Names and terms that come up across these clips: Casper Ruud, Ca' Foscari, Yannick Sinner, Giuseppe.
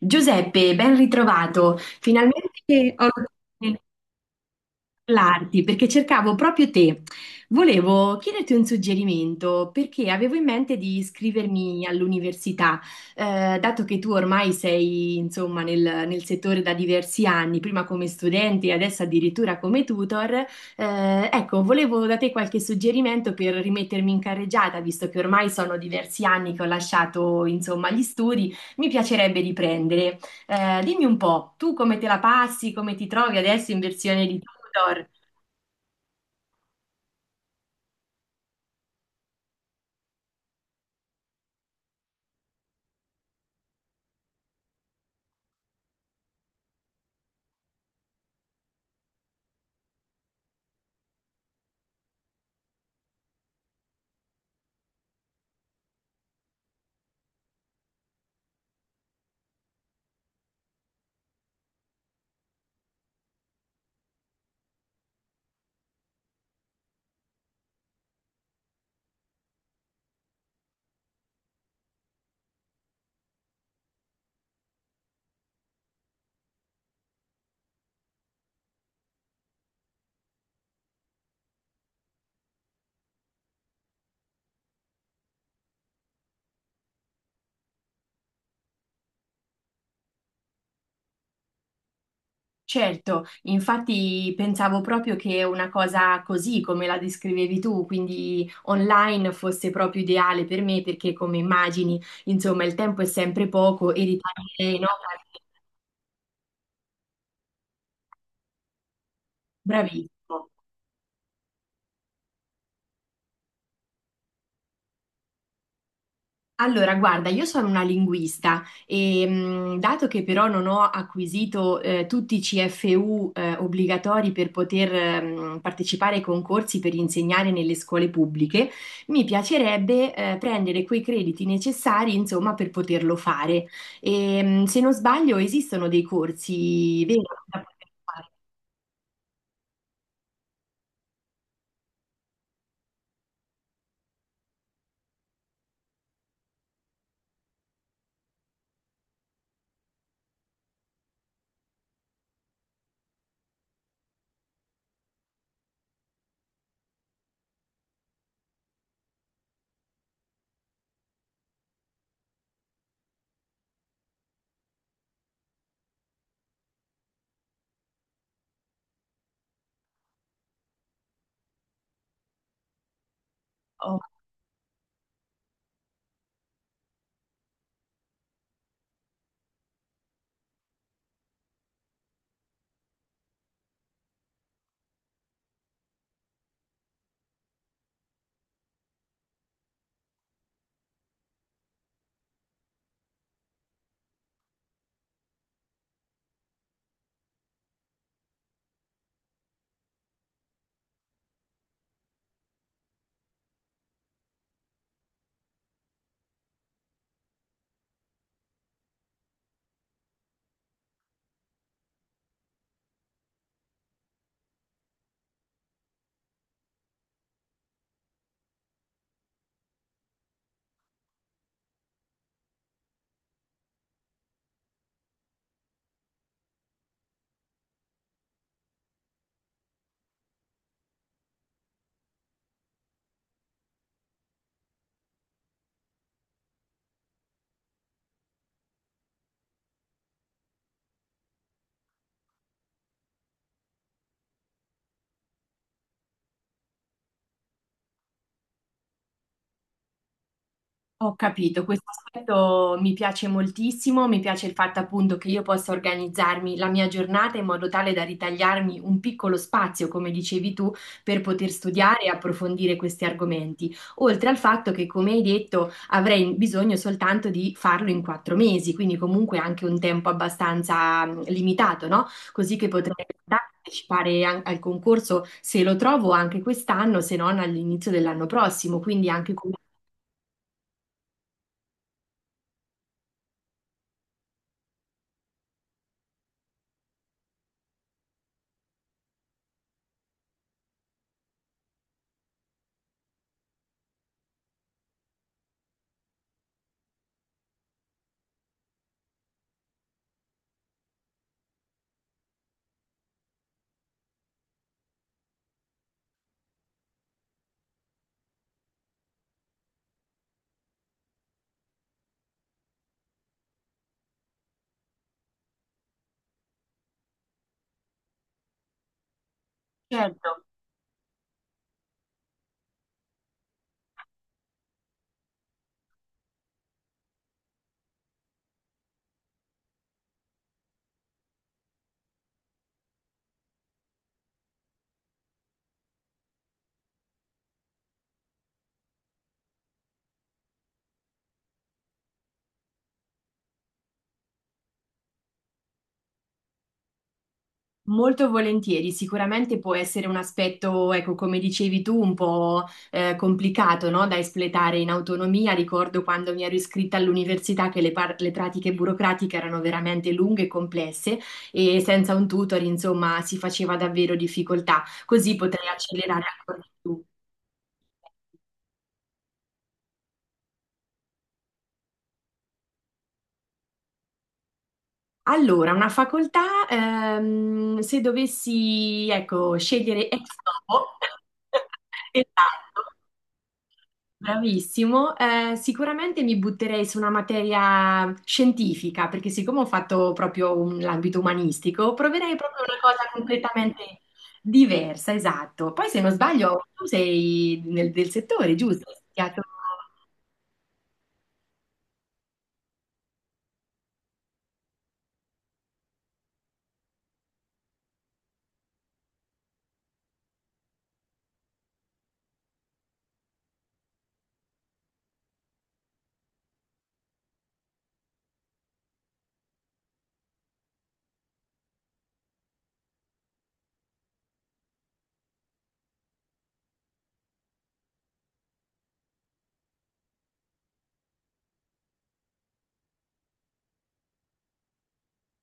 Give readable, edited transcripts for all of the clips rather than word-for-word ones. Giuseppe, ben ritrovato. Finalmente ho potuto parlarti perché cercavo proprio te. Volevo chiederti un suggerimento perché avevo in mente di iscrivermi all'università. Dato che tu ormai sei, insomma, nel settore da diversi anni, prima come studente e adesso addirittura come tutor. Ecco, volevo da te qualche suggerimento per rimettermi in carreggiata, visto che ormai sono diversi anni che ho lasciato, insomma, gli studi. Mi piacerebbe riprendere. Dimmi un po', tu come te la passi, come ti trovi adesso in versione di Tudor? Certo, infatti pensavo proprio che una cosa così come la descrivevi tu, quindi online, fosse proprio ideale per me perché come immagini, insomma, il tempo è sempre poco e ritardi, no? Bravissimo. Allora, guarda, io sono una linguista e dato che però non ho acquisito tutti i CFU obbligatori per poter partecipare ai concorsi per insegnare nelle scuole pubbliche, mi piacerebbe prendere quei crediti necessari, insomma, per poterlo fare. E, se non sbaglio, esistono dei corsi veri da poter fare. Ho capito, questo aspetto mi piace moltissimo, mi piace il fatto appunto che io possa organizzarmi la mia giornata in modo tale da ritagliarmi un piccolo spazio, come dicevi tu, per poter studiare e approfondire questi argomenti, oltre al fatto che, come hai detto, avrei bisogno soltanto di farlo in quattro mesi, quindi comunque anche un tempo abbastanza limitato, no? Così che potrei partecipare al concorso se lo trovo anche quest'anno, se non all'inizio dell'anno prossimo, quindi anche. Molto volentieri, sicuramente può essere un aspetto, ecco, come dicevi tu, un po' complicato, no? Da espletare in autonomia. Ricordo quando mi ero iscritta all'università che le pratiche burocratiche erano veramente lunghe e complesse e senza un tutor, insomma, si faceva davvero difficoltà. Così potrei accelerare ancora di più. Allora, una facoltà, se dovessi, ecco, scegliere ex novo, esatto. Bravissimo. Sicuramente mi butterei su una materia scientifica, perché siccome ho fatto proprio l'ambito umanistico, proverei proprio una cosa completamente diversa, esatto. Poi se non sbaglio, tu sei del settore, giusto? Hai studiato-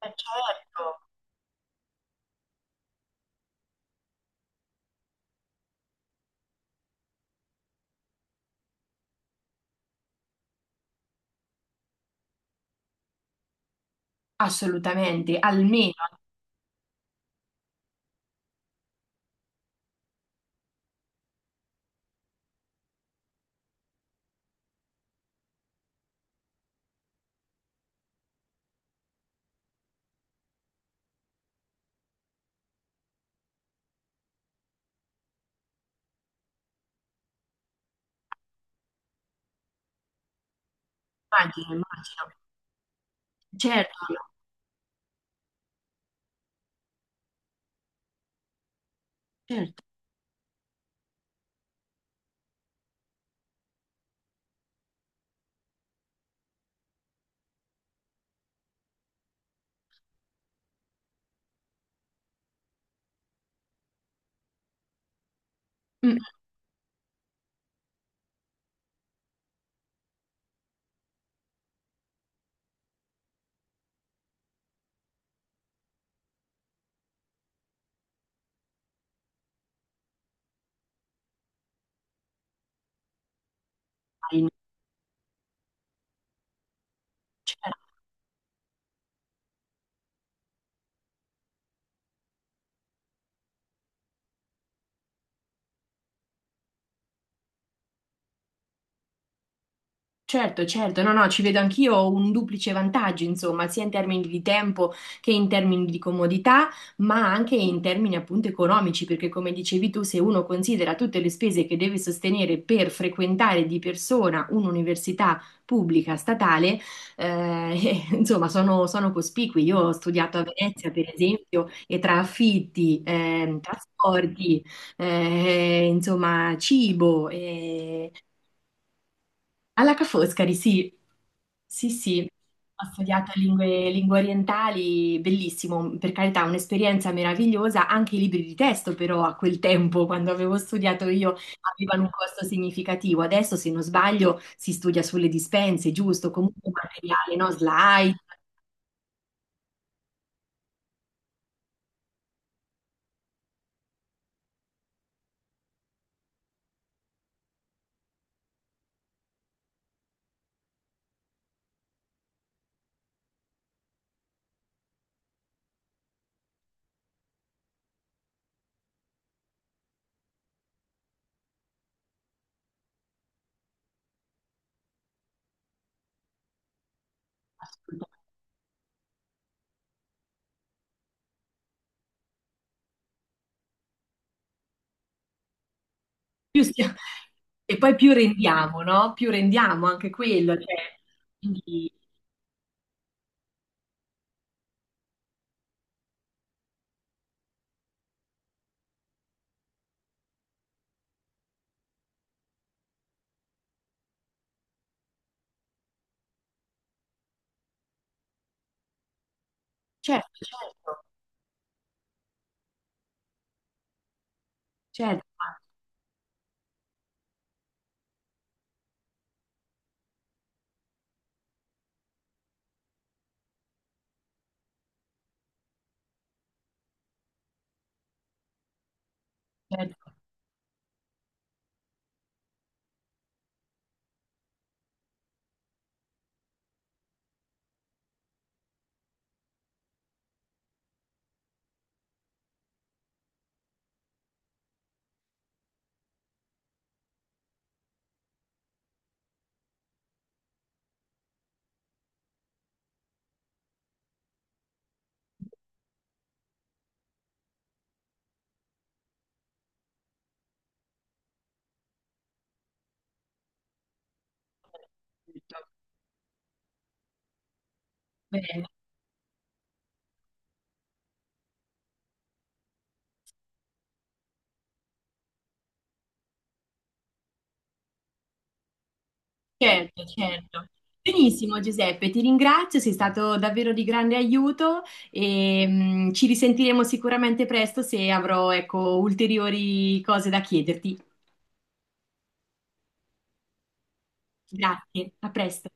Certo, assolutamente, almeno, immagino, immagino. Certo, certo. Mm, mm, certo. Certo, certo, no, no, ci vedo anch'io un duplice vantaggio, insomma, sia in termini di tempo che in termini di comodità, ma anche in termini appunto economici, perché come dicevi tu, se uno considera tutte le spese che deve sostenere per frequentare di persona un'università pubblica statale, insomma, sono cospicui. Io ho studiato a Venezia, per esempio, e tra affitti, trasporti, insomma, cibo, alla Ca' Foscari, sì, sì, sì, ho studiato lingue, lingue orientali, bellissimo, per carità, un'esperienza meravigliosa, anche i libri di testo però a quel tempo, quando avevo studiato io, avevano un costo significativo, adesso se non sbaglio si studia sulle dispense, giusto, comunque materiale, no? Slide, più stia- e poi più rendiamo, no? Più rendiamo anche quello, cioè, quindi certo, certo, certo, certo. Bene. Certo, certo. Benissimo Giuseppe, ti ringrazio, sei stato davvero di grande aiuto e ci risentiremo sicuramente presto se avrò, ecco, ulteriori cose da chiederti. Grazie, a presto.